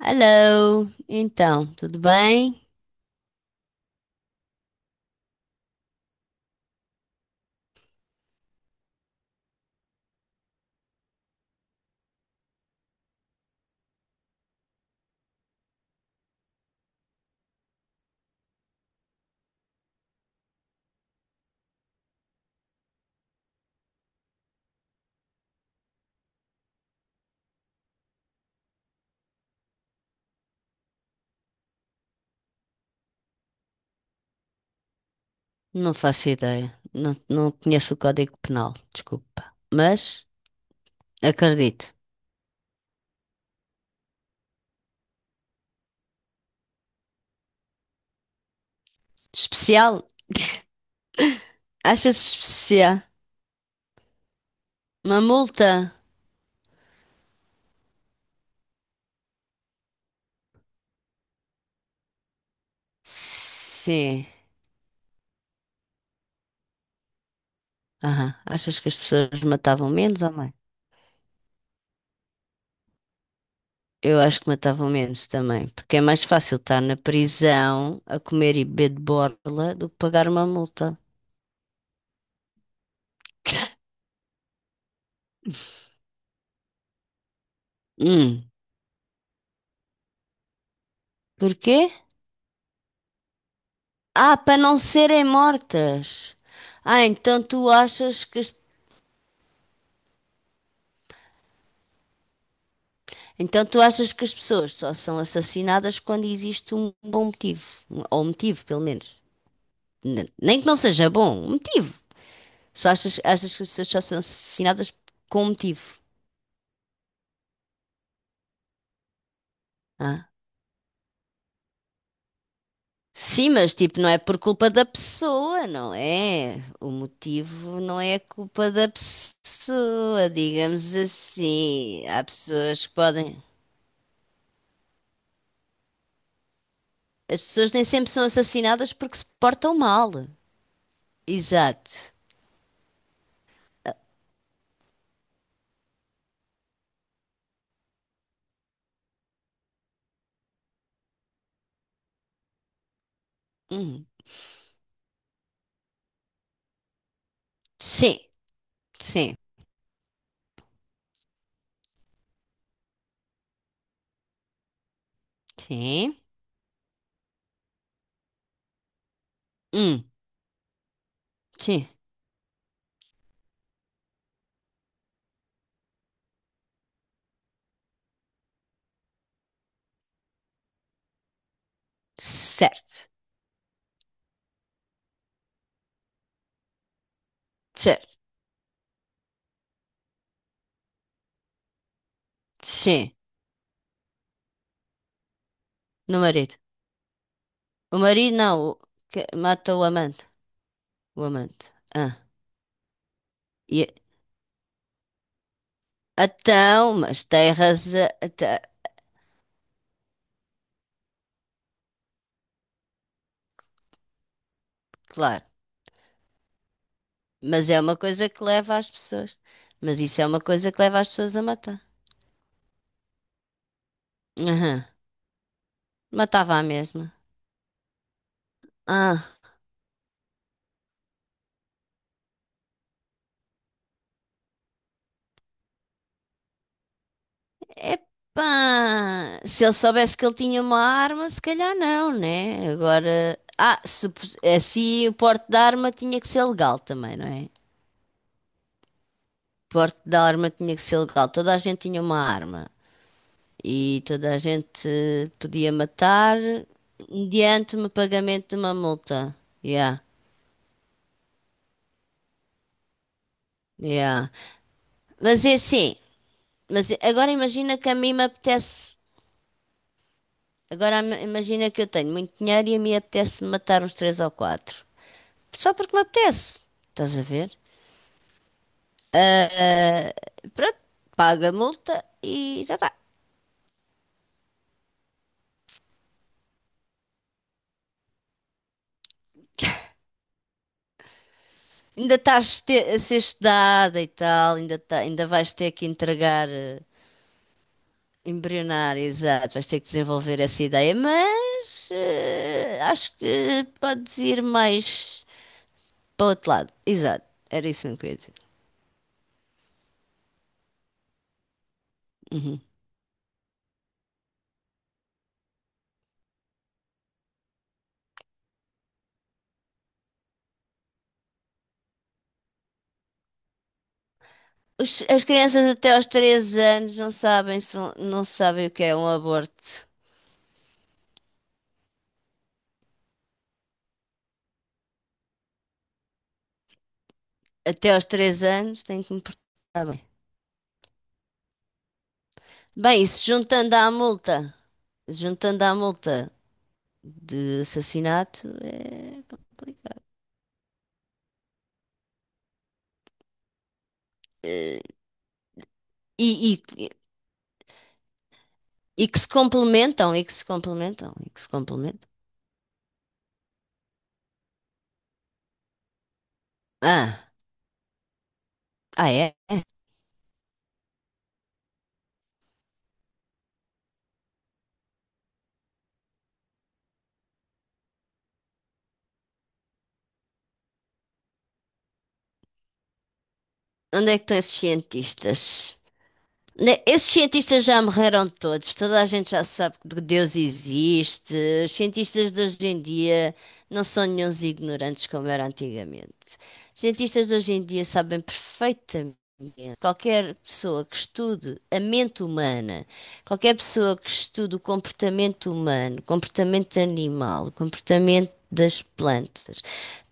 Hello, então, tudo bem? Não faço ideia. Não conheço o Código Penal, desculpa. Mas acredito. Especial? Achas especial? Uma multa? Sim. Aham. Achas que as pessoas matavam menos ou mais? Eu acho que matavam menos também, porque é mais fácil estar na prisão a comer e beber de borla do que pagar uma multa. Hum. Porquê? Ah, para não serem mortas. Ah, Então tu achas que as pessoas só são assassinadas quando existe um bom motivo, ou um motivo, pelo menos. Nem que não seja bom, um motivo. Achas que as pessoas só são assassinadas com um motivo. Ah. Sim, mas tipo, não é por culpa da pessoa, não é? O motivo não é culpa da pessoa, digamos assim. Há pessoas que podem. As pessoas nem sempre são assassinadas porque se portam mal. Exato. Ah. Hum. Sim, sim. Sim. Hum, sim. Certo. Certo. Sim. No marido. O marido não. Que mata o amante. O amante. Ah. E, mas tem razão. Tá. Claro. Mas é uma coisa que leva as pessoas. Mas isso é uma coisa que leva as pessoas a matar. Aham. Matava a mesma. Ah. Epá, se ele soubesse que ele tinha uma arma, se calhar não, né? Agora, se, assim o porte da arma tinha que ser legal também, não é? O porte da arma tinha que ser legal. Toda a gente tinha uma arma e toda a gente podia matar mediante o pagamento de uma multa. Yeah, yeah. Mas é assim, mas agora imagina que a mim me apetece, agora imagina que eu tenho muito dinheiro e a mim apetece matar uns três ou quatro. Só porque me apetece. Estás a ver? Pronto, paga a multa e já está. Ainda estás te- a ser estudada e tal, ainda, tá- Ainda vais ter que entregar, embrionar, exato, vais ter que desenvolver essa ideia, mas acho que podes ir mais para o outro lado. Exato, era isso mesmo que eu ia dizer. Uhum. As crianças até aos 3 anos não sabem, se vão- não sabem o que é um aborto. Até aos 3 anos têm que me portar bem. Bem, se juntando à multa, juntando à multa de assassinato, é complicado. Eh. E, e, e que se complementam, e que se complementam. Ah, ah é? Onde é que estão esses cientistas? Esses cientistas já morreram todos, toda a gente já sabe que Deus existe. Os cientistas de hoje em dia não são nenhuns ignorantes como era antigamente. Os cientistas de hoje em dia sabem perfeitamente. Qualquer pessoa que estude a mente humana, qualquer pessoa que estude o comportamento humano, o comportamento animal, o comportamento das plantas,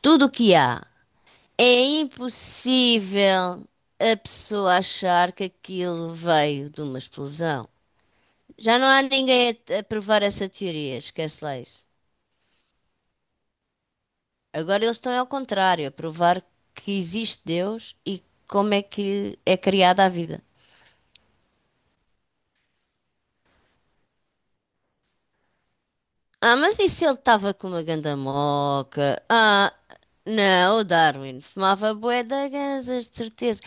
tudo o que há. É impossível a pessoa achar que aquilo veio de uma explosão. Já não há ninguém a provar essa teoria, esquece lá isso. Agora eles estão ao contrário, a provar que existe Deus e como é que é criada a vida. Ah, mas e se ele estava com uma ganda moca? Ah, não, o Darwin fumava bué de ganzas, de certeza.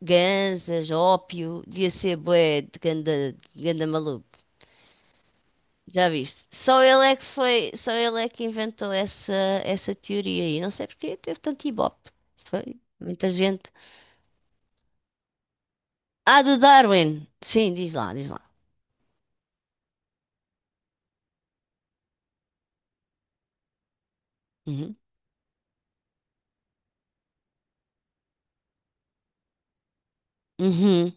Ganzas, ópio, devia ser bué de ganda, ganda maluco. Já viste? Só ele é que inventou essa teoria aí. Não sei porque teve tanto ibope. Foi muita gente. Ah, do Darwin. Sim, diz lá, diz lá. Uhum. Uhum.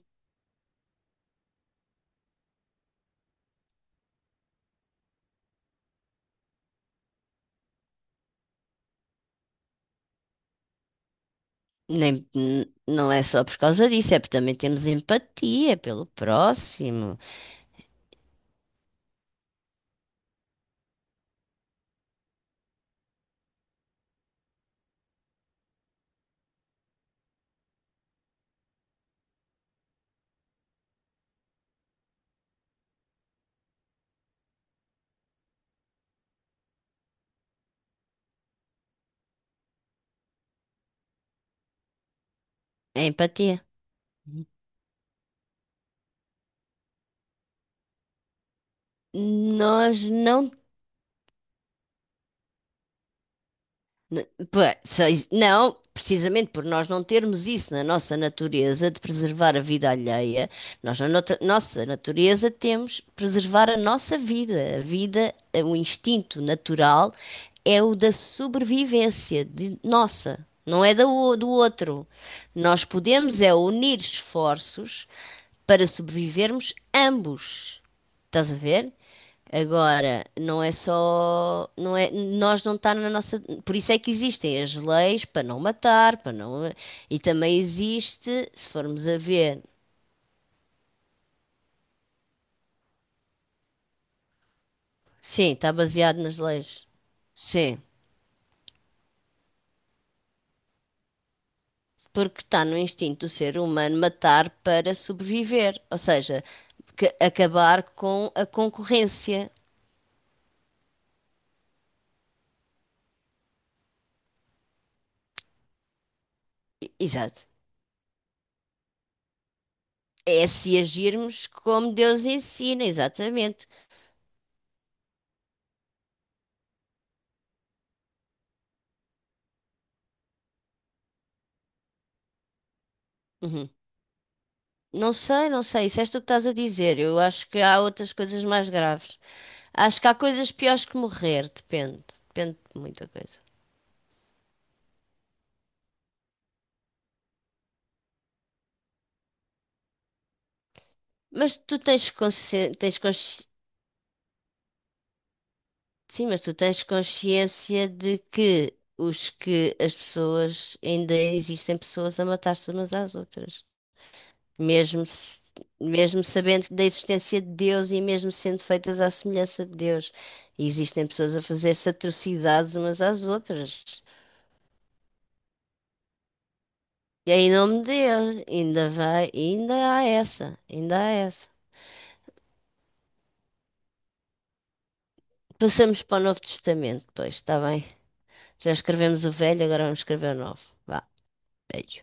Nem, n- Não é só por causa disso, é porque também temos empatia pelo próximo. É empatia. Uhum. Nós não. n- Não, precisamente por nós não termos isso na nossa natureza de preservar a vida alheia. Nós, nossa natureza, temos que preservar a nossa vida. A vida, o instinto natural é o da sobrevivência de nossa, não é do outro. Nós podemos é unir esforços para sobrevivermos ambos. Estás a ver? Agora, não é só, não é, nós não está na nossa, por isso é que existem as leis para não matar, para não, e também existe, se formos a ver, sim, está baseado nas leis. Sim, porque está no instinto do ser humano matar para sobreviver, ou seja, acabar com a concorrência. Exato. É se agirmos como Deus ensina, exatamente. Uhum. Não sei, não sei, isso és tu que estás a dizer. Eu acho que há outras coisas mais graves. Acho que há coisas piores que morrer, depende. Depende de muita coisa. Mas tu tens consciência, Sim, mas tu tens consciência de que os que as pessoas ainda existem pessoas a matar-se umas às outras, mesmo se- mesmo sabendo da existência de Deus e mesmo sendo feitas à semelhança de Deus, existem pessoas a fazer-se atrocidades umas às outras. E é em nome de Deus, ainda há essa. Passamos para o Novo Testamento, pois, está bem? Já escrevemos o Velho, agora vamos escrever o Novo. Vá, velho.